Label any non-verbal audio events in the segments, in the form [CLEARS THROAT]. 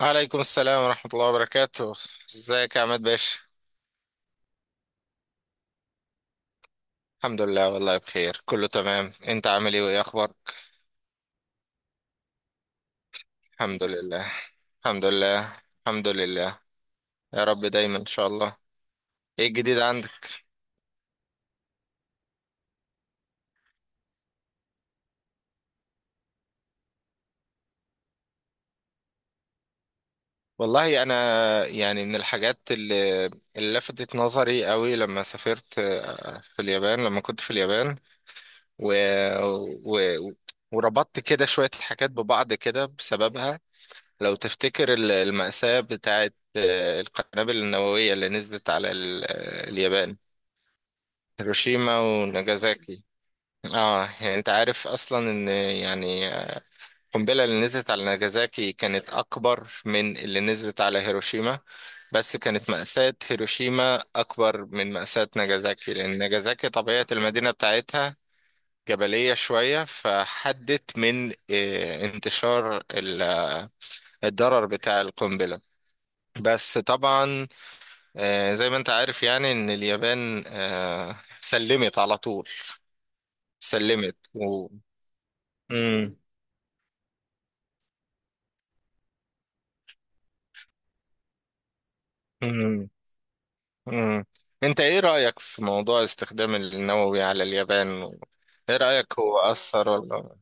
عليكم السلام ورحمة الله وبركاته. ازيك يا عماد باشا؟ الحمد لله والله بخير، كله تمام. انت عامل ايه وايه اخبارك؟ الحمد لله، الحمد لله، الحمد لله. يا رب دايما ان شاء الله. ايه الجديد عندك؟ والله انا يعني من الحاجات اللي لفتت نظري قوي لما سافرت في اليابان، لما كنت في اليابان و... و... وربطت كده شوية حاجات ببعض كده بسببها. لو تفتكر المأساة بتاعت القنابل النووية اللي نزلت على اليابان، هيروشيما وناجازاكي. اه يعني انت عارف اصلا ان، يعني، القنبلة اللي نزلت على ناجازاكي كانت اكبر من اللي نزلت على هيروشيما، بس كانت مأساة هيروشيما اكبر من مأساة ناجازاكي لان ناجازاكي طبيعة المدينة بتاعتها جبلية شوية، فحدت من انتشار الضرر بتاع القنبلة. بس طبعا زي ما انت عارف يعني ان اليابان سلمت على طول. سلمت مم. مم. مم. انت ايه رأيك في موضوع استخدام النووي على اليابان ايه رأيك، هو أثر ولا؟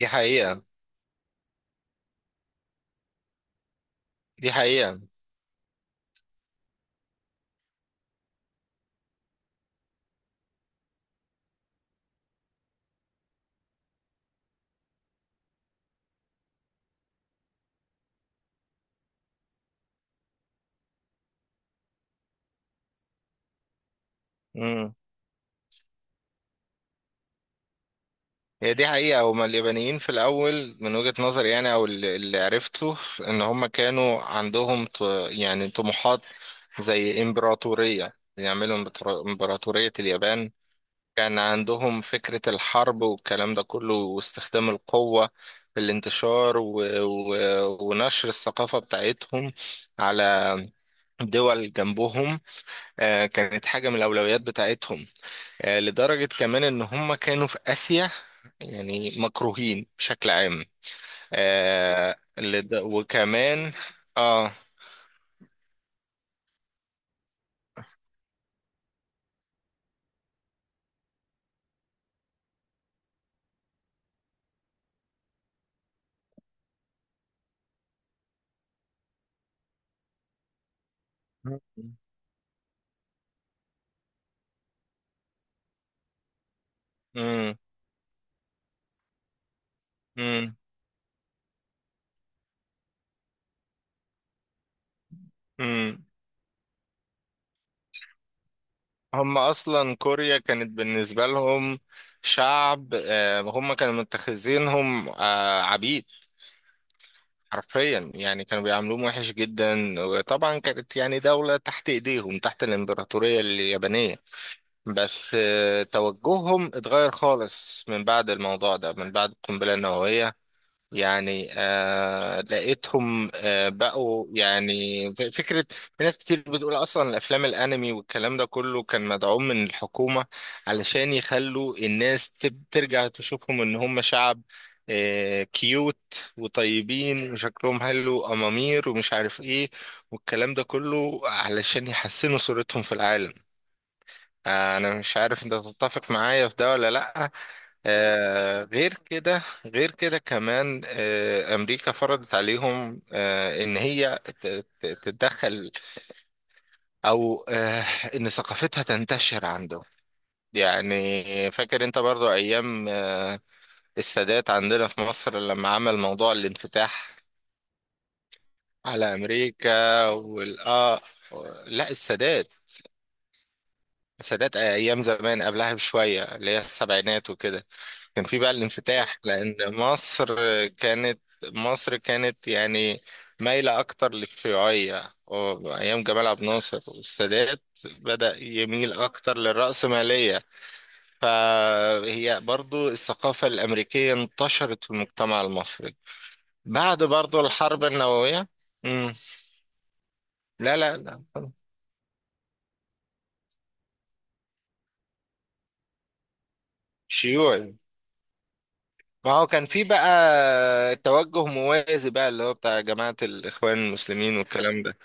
دي حقيقة، دي حقيقة. مم. هي دي حقيقة، هما اليابانيين في الأول من وجهة نظري يعني، أو اللي عرفته، إن هما كانوا عندهم يعني طموحات، زي إمبراطورية، يعملوا إمبراطورية اليابان. كان عندهم فكرة الحرب والكلام ده كله واستخدام القوة في الانتشار ونشر الثقافة بتاعتهم على دول جنبهم. كانت حاجة من الأولويات بتاعتهم، لدرجة كمان إن هم كانوا في آسيا يعني مكروهين بشكل عام. آه، لد... وكمان آه مم. مم. مم. هم اصلا كوريا كانت بالنسبه لهم شعب، هم كانوا متخذينهم عبيد حرفيا. يعني كانوا بيعاملوهم وحش جدا، وطبعا كانت يعني دوله تحت ايديهم، تحت الامبراطوريه اليابانيه. بس توجههم اتغير خالص من بعد الموضوع ده، من بعد القنبله النوويه. يعني لقيتهم بقوا يعني فكرة، في ناس كتير بتقول أصلا الأفلام الأنمي والكلام ده كله كان مدعوم من الحكومة علشان يخلوا الناس ترجع تشوفهم إن هم شعب كيوت وطيبين وشكلهم حلو وأمامير ومش عارف إيه، والكلام ده كله علشان يحسنوا صورتهم في العالم. انا مش عارف انت تتفق معايا في ده ولا لا. غير كده، غير كده كمان، امريكا فرضت عليهم ان هي تتدخل، او ان ثقافتها تنتشر عندهم. يعني فاكر انت برضو ايام السادات، عندنا في مصر لما عمل موضوع الانفتاح على امريكا والاه. لا، السادات، سادات ايام زمان قبلها بشويه، اللي هي السبعينات وكده كان في بقى الانفتاح، لان مصر كانت يعني مايله اكتر للشيوعيه، وايام جمال عبد الناصر والسادات بدأ يميل اكتر للرأسماليه، فهي برضو الثقافه الامريكيه انتشرت في المجتمع المصري بعد برضو الحرب النوويه. امم. لا، لا، لا، شيوعي. ما هو كان في بقى توجه موازي بقى اللي هو بتاع جماعة الإخوان المسلمين والكلام ده.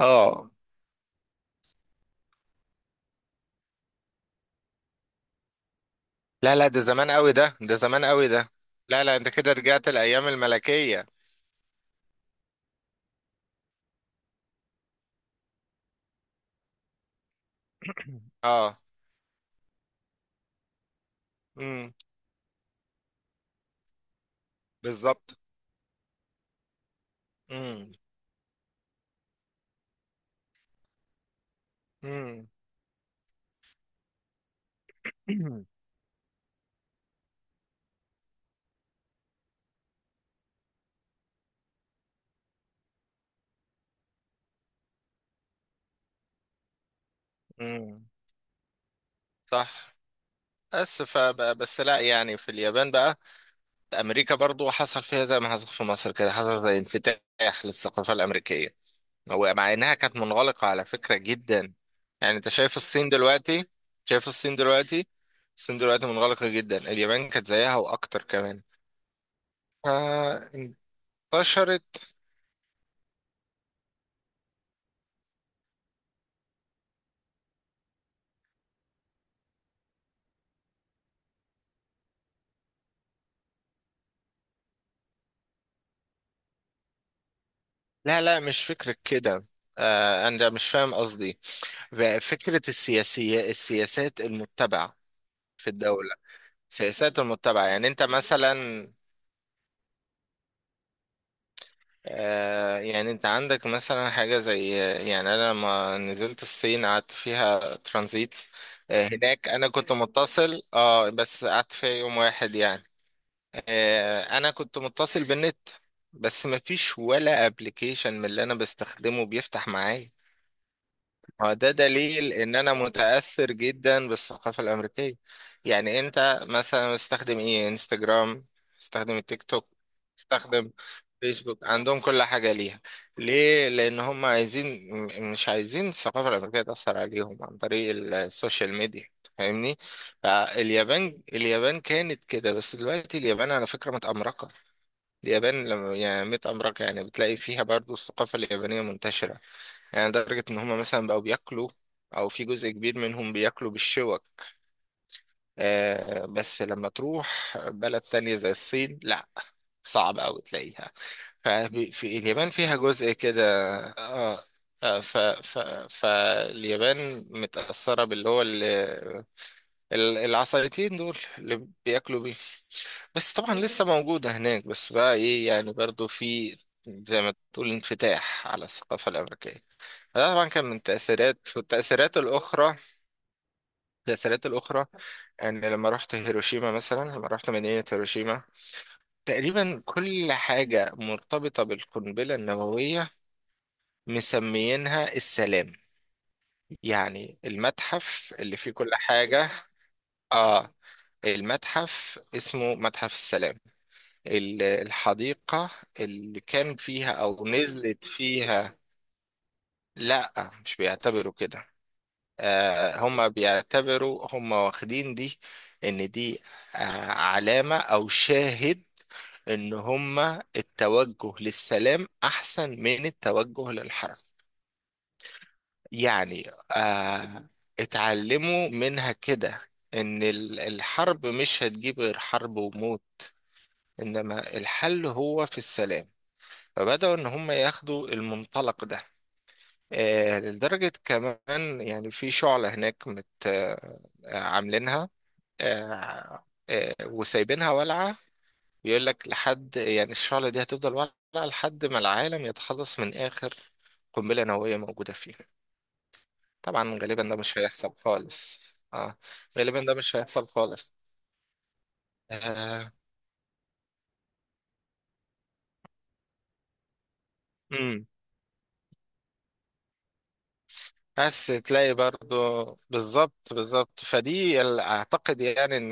اه، لا، لا، ده زمان قوي ده زمان قوي ده. لا، لا، انت كده رجعت الأيام الملكية. اه. امم. بالظبط. امم. امم. امم. [CLEARS THROAT] صح. بس فبقى بس، لا، يعني في اليابان بقى أمريكا برضو حصل فيها زي ما حصل في مصر كده، حصل زي انفتاح للثقافة الأمريكية، ومع انها كانت منغلقة على فكرة جدا. يعني انت شايف الصين دلوقتي، شايف الصين دلوقتي، الصين دلوقتي منغلقة جدا. اليابان كانت زيها واكتر كمان فانتشرت. لا، لا، مش فكرة كده، انا مش فاهم قصدي. فكرة السياسات المتبعة في الدولة، سياسات المتبعة. يعني انت مثلا، يعني انت عندك مثلا حاجة زي، يعني انا لما نزلت الصين قعدت فيها ترانزيت. هناك انا كنت متصل، بس قعدت فيها يوم واحد يعني. انا كنت متصل بالنت بس مفيش ولا ابلكيشن من اللي انا بستخدمه بيفتح معايا. هو ده دليل ان انا متأثر جدا بالثقافة الامريكية. يعني انت مثلا مستخدم ايه؟ انستجرام، مستخدم التيك توك، مستخدم فيسبوك. عندهم كل حاجة ليها. ليه؟ لان هم عايزين، مش عايزين الثقافة الامريكية تأثر عليهم عن طريق السوشيال ميديا، فاهمني؟ فاليابان كانت كده، بس دلوقتي اليابان على فكرة متأمركة. اليابان لما يعني متأمركة يعني بتلاقي فيها برضو الثقافة اليابانية منتشرة، يعني لدرجة إن هما مثلا بقوا بياكلوا، أو في جزء كبير منهم، بياكلوا بالشوك. بس لما تروح بلد تانية زي الصين، لأ، صعب أوي تلاقيها. ففي اليابان فيها جزء كده. آه آه، ف ف فاليابان متأثرة باللي هو العصايتين دول اللي بياكلوا بيه، بس طبعا لسه موجودة هناك. بس بقى إيه يعني، برضو في زي ما تقول انفتاح على الثقافة الأمريكية، ده طبعا كان من تأثيرات والتأثيرات الأخرى، التأثيرات الأخرى يعني لما رحت هيروشيما مثلا، لما رحت مدينة هيروشيما، تقريبا كل حاجة مرتبطة بالقنبلة النووية، مسميينها السلام. يعني المتحف اللي فيه كل حاجة، آه المتحف اسمه متحف السلام، الحديقة اللي كان فيها أو نزلت فيها. لا، مش بيعتبروا كده. هم بيعتبروا، هم واخدين دي، ان دي آه، علامة او شاهد، ان هم التوجه للسلام احسن من التوجه للحرب. يعني آه، اتعلموا منها كده ان الحرب مش هتجيب غير حرب وموت، انما الحل هو في السلام. فبدأوا ان هم ياخدوا المنطلق ده. لدرجة كمان يعني في شعلة هناك مت آه، عاملينها، آه، وسايبينها والعة. بيقول لك لحد يعني، الشعلة دي هتفضل والعة لحد ما العالم يتخلص من آخر قنبلة نووية موجودة فيه. طبعا غالبا ده مش هيحصل خالص. اه غالبا ده مش هيحصل خالص. آه. مم. بس تلاقي برضو، بالظبط، بالظبط. فدي اعتقد يعني ان،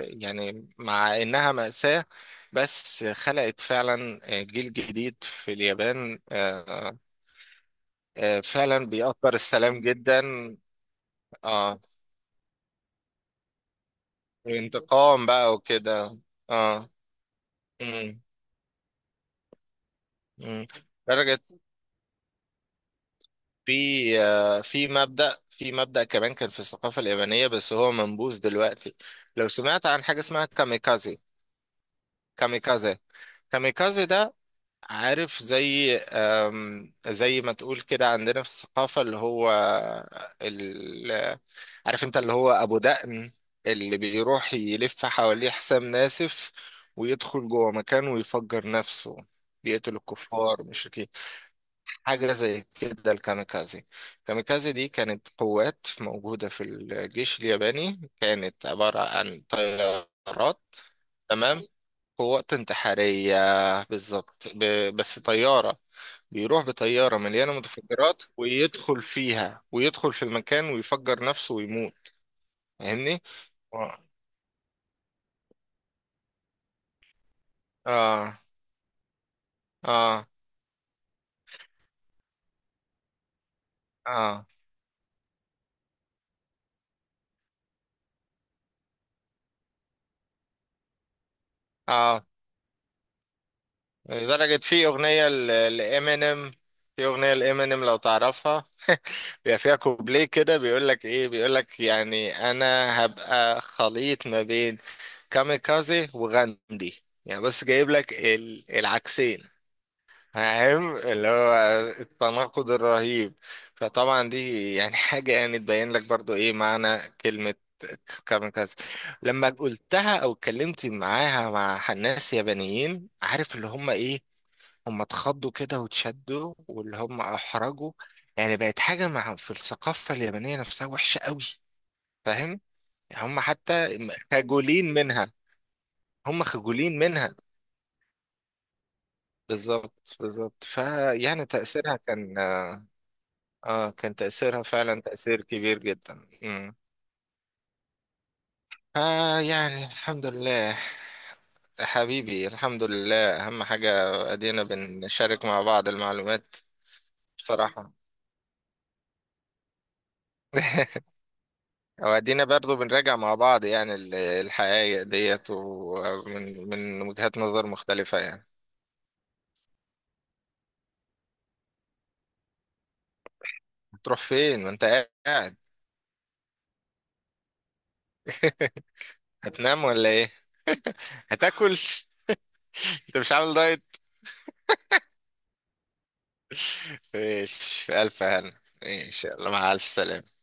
يعني مع انها مأساة، بس خلقت فعلا جيل جديد في اليابان. فعلا بيأثر السلام جدا. اه، الانتقام بقى وكده. اه. امم. امم. درجة في، في مبدأ كمان كان في الثقافة اليابانية بس هو منبوذ دلوقتي. لو سمعت عن حاجة اسمها كاميكازي. كاميكازي كاميكازي ده، عارف، زي زي ما تقول كده عندنا في الثقافة، اللي هو ال... عارف انت اللي هو أبو دقن، اللي بيروح يلف حواليه حسام ناسف ويدخل جوه مكان ويفجر نفسه، بيقتل الكفار مشركين. حاجة زي كده الكاميكازي. الكاميكازي دي كانت قوات موجودة في الجيش الياباني، كانت عبارة عن طيارات. تمام، قوات انتحارية، بالظبط، بس طيارة، بيروح بطيارة مليانة متفجرات ويدخل فيها ويدخل في المكان ويفجر نفسه ويموت، فاهمني؟ اه. اه. اه. اه. اه. لدرجة في أغنية لإمينيم، في أغنية لإمينيم، لو تعرفها [LAUGHS] بيبقى فيها كوبليه كده بيقول لك إيه، بيقول لك يعني أنا هبقى خليط ما بين كاميكازي وغاندي، يعني بس جايب لك العكسين، فاهم اللي هو التناقض الرهيب؟ فطبعا دي يعني [LAUGHS] حاجة يعني تبين لك برضو ايه معنى كلمة كاميكازي. لما قلتها او اتكلمت معاها مع ناس يابانيين، عارف اللي هم ايه؟ هم اتخضوا كده واتشدوا، واللي هم احرجوا. يعني بقت حاجة مع في الثقافة اليابانية نفسها وحشة قوي، فاهم؟ هم حتى خجولين منها، هم خجولين منها، بالظبط، بالظبط. فيعني تأثيرها كان، اه، كان تأثيرها فعلا تأثير كبير جدا. امم. يعني الحمد لله، حبيبي، الحمد لله، أهم حاجة أدينا بنشارك مع بعض المعلومات، بصراحة [LAUGHS] وأدينا برضو بنراجع مع بعض يعني الحقائق ديت، ومن وجهات نظر مختلفة يعني. هتروح فين ما أنت قاعد؟ هتنام ولا إيه؟ هتاكل [LAUGHS] أنت مش عامل دايت؟ ماشي، في ألف هنا إن شاء الله، مع ألف سلامة.